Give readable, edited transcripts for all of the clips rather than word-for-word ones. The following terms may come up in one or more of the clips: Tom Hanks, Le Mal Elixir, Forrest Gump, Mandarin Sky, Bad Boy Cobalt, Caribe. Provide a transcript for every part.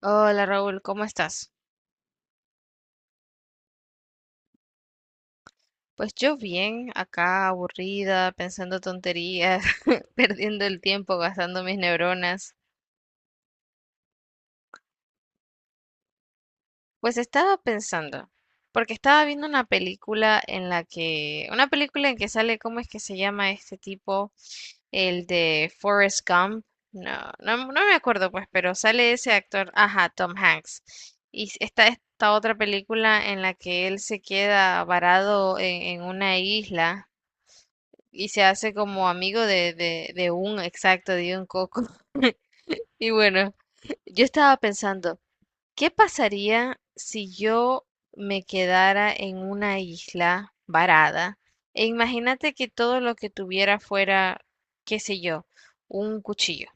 Hola Raúl, ¿cómo estás? Pues yo bien, acá aburrida, pensando tonterías, perdiendo el tiempo, gastando mis neuronas. Pues estaba pensando, porque estaba viendo una película en la que, una película en que sale, ¿cómo es que se llama este tipo? El de Forrest Gump. No, no, no me acuerdo pues, pero sale ese actor, ajá, Tom Hanks. Está esta otra película en la que él se queda varado en una isla, y se hace como amigo de un, exacto, de un coco. Y bueno, yo estaba pensando, ¿qué pasaría si yo me quedara en una isla varada? E imagínate que todo lo que tuviera fuera, qué sé yo, un cuchillo.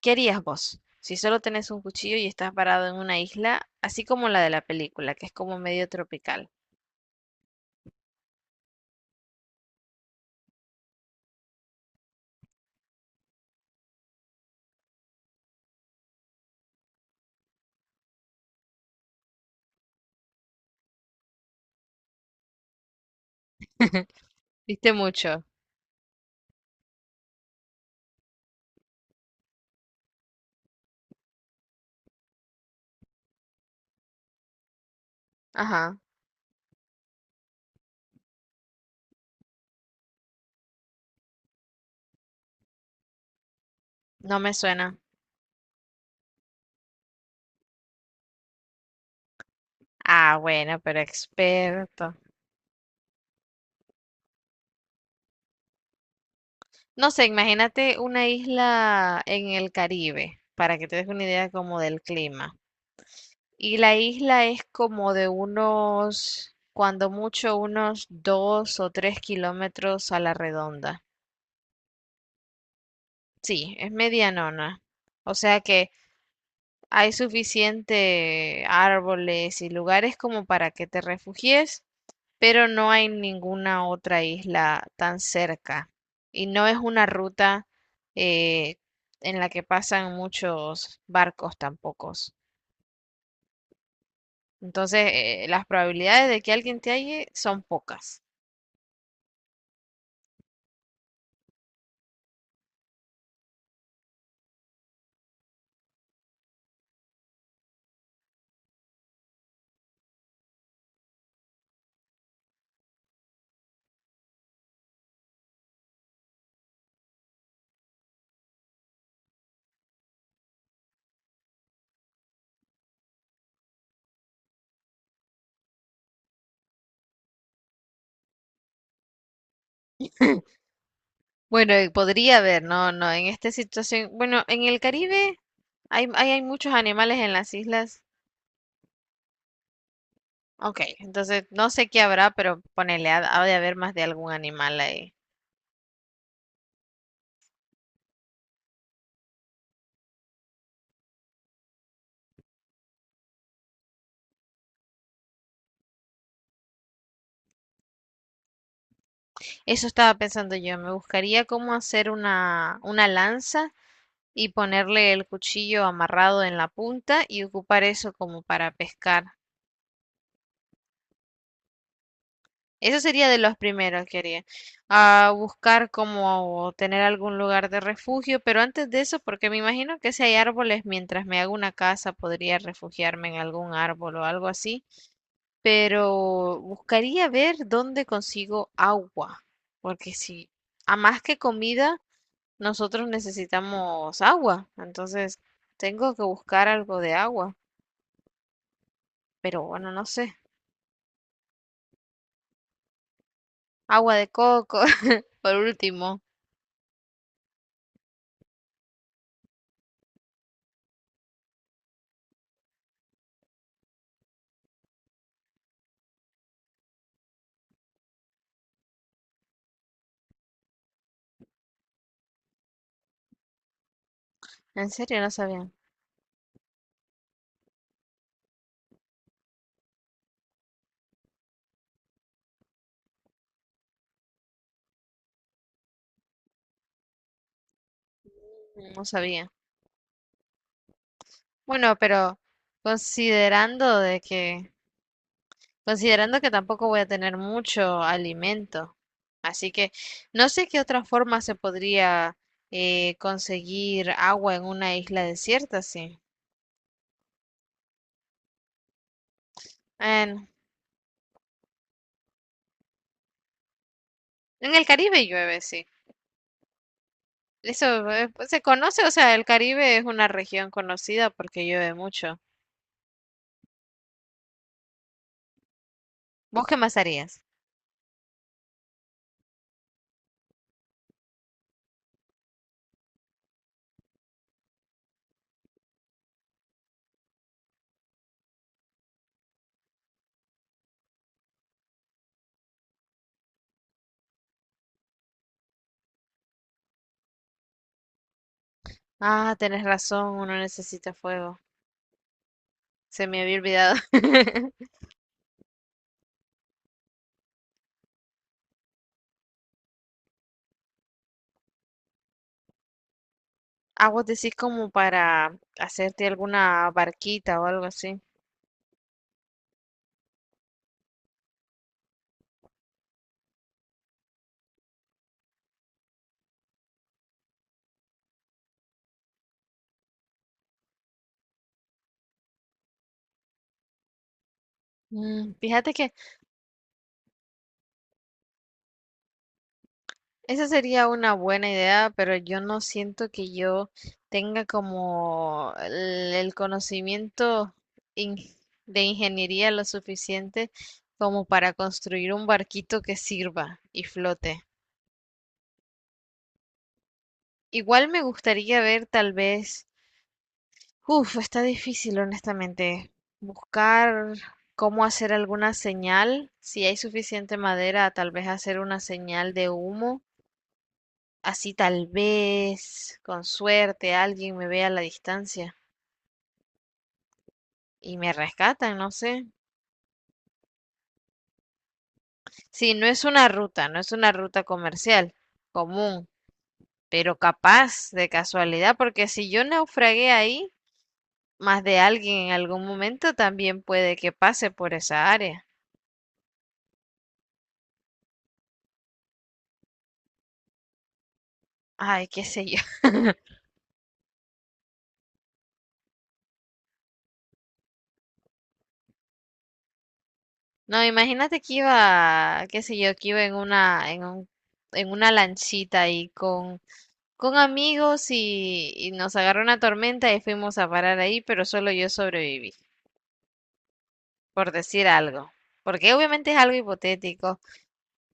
¿Qué harías vos? Si solo tenés un cuchillo y estás varado en una isla, así como la de la película, que es como medio tropical. ¿Viste mucho? Ajá, no me suena. Ah, bueno, pero experto. No sé, imagínate una isla en el Caribe, para que te des una idea como del clima. Y la isla es como de unos, cuando mucho, unos 2 o 3 kilómetros a la redonda. Sí, es medianona. O sea que hay suficiente árboles y lugares como para que te refugies, pero no hay ninguna otra isla tan cerca. Y no es una ruta eh, en la que pasan muchos barcos tampoco. Entonces, las probabilidades de que alguien te halle son pocas. Bueno, podría haber, no, no, en esta situación, bueno, en el Caribe hay muchos animales en las islas. Ok, entonces no sé qué habrá, pero ponele, ha de haber más de algún animal ahí. Eso estaba pensando yo, me buscaría cómo hacer una lanza y ponerle el cuchillo amarrado en la punta y ocupar eso como para pescar. Eso sería de los primeros que haría. A buscar como tener algún lugar de refugio, pero antes de eso, porque me imagino que si hay árboles, mientras me hago una casa, podría refugiarme en algún árbol o algo así. Pero buscaría ver dónde consigo agua, porque si a más que comida, nosotros necesitamos agua, entonces tengo que buscar algo de agua. Pero bueno, no sé. Agua de coco, por último. En serio, no sabía. No sabía. Bueno, pero considerando de que, considerando que tampoco voy a tener mucho alimento. Así que no sé qué otra forma se podría conseguir agua en una isla desierta, sí. En, en el Caribe llueve, sí. Eso pues, se conoce, o sea, el Caribe es una región conocida porque llueve mucho. ¿Vos qué más harías? Ah, tenés razón, uno necesita fuego. Se me había olvidado. Ah, vos decís como para hacerte alguna barquita o algo así. Mm, fíjate que esa sería una buena idea, pero yo no siento que yo tenga como el conocimiento in- de ingeniería lo suficiente como para construir un barquito que sirva y flote. Igual me gustaría ver tal vez, uf, está difícil honestamente, buscar cómo hacer alguna señal, si hay suficiente madera, tal vez hacer una señal de humo. Así tal vez, con suerte, alguien me vea a la distancia y me rescatan, no sé. Sí, no es una ruta, no es una ruta comercial común, pero capaz de casualidad, porque si yo naufragué ahí, más de alguien en algún momento también puede que pase por esa área. Ay, qué sé yo. No, imagínate que iba, qué sé yo, que iba en una, en un, en una lanchita ahí con amigos y nos agarró una tormenta y fuimos a parar ahí, pero solo yo sobreviví, por decir algo. Porque obviamente es algo hipotético.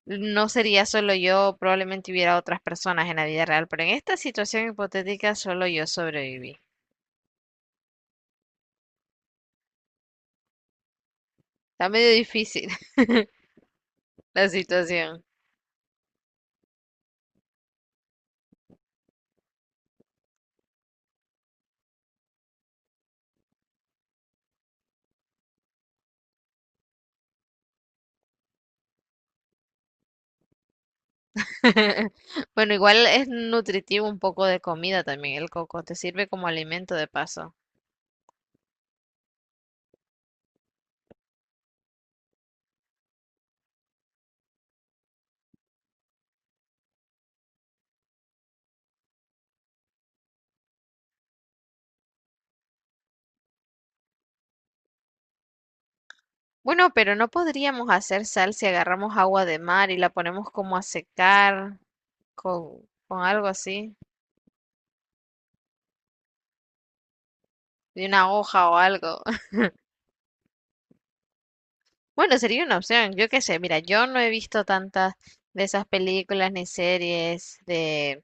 No sería solo yo, probablemente hubiera otras personas en la vida real, pero en esta situación hipotética solo yo sobreviví. Está medio difícil la situación. Bueno, igual es nutritivo un poco de comida también el coco, te sirve como alimento de paso. Bueno, pero no podríamos hacer sal si agarramos agua de mar y la ponemos como a secar con algo así, de una hoja o algo. Bueno, sería una opción, yo qué sé, mira, yo no he visto tantas de esas películas ni series de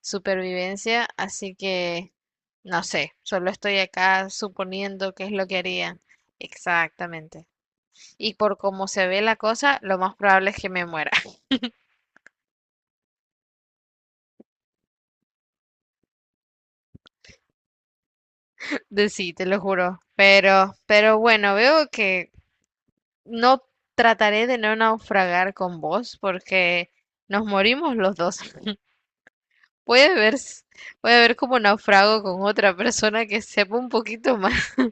supervivencia, así que no sé, solo estoy acá suponiendo qué es lo que harían. Exactamente. Y por cómo se ve la cosa, lo más probable es que me muera. De sí, te lo juro. Pero bueno, veo que no trataré de no naufragar con vos porque nos morimos los dos. Puede ver, puede ver como naufrago con otra persona que sepa un poquito más.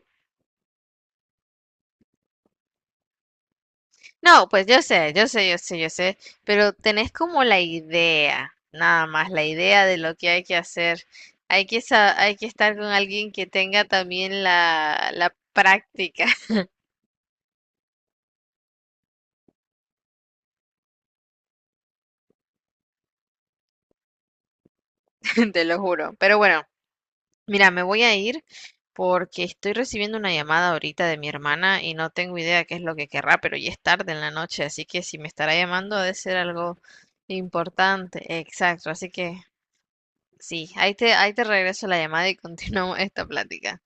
No, pues yo sé, yo sé, yo sé, yo sé, pero tenés como la idea, nada más, la idea de lo que hay que hacer. Hay que, hay que estar con alguien que tenga también la práctica, te lo juro. Pero bueno. Mira, me voy a ir porque estoy recibiendo una llamada ahorita de mi hermana y no tengo idea qué es lo que querrá, pero ya es tarde en la noche, así que si me estará llamando ha de ser algo importante. Exacto, así que sí, ahí te regreso la llamada y continuamos esta plática.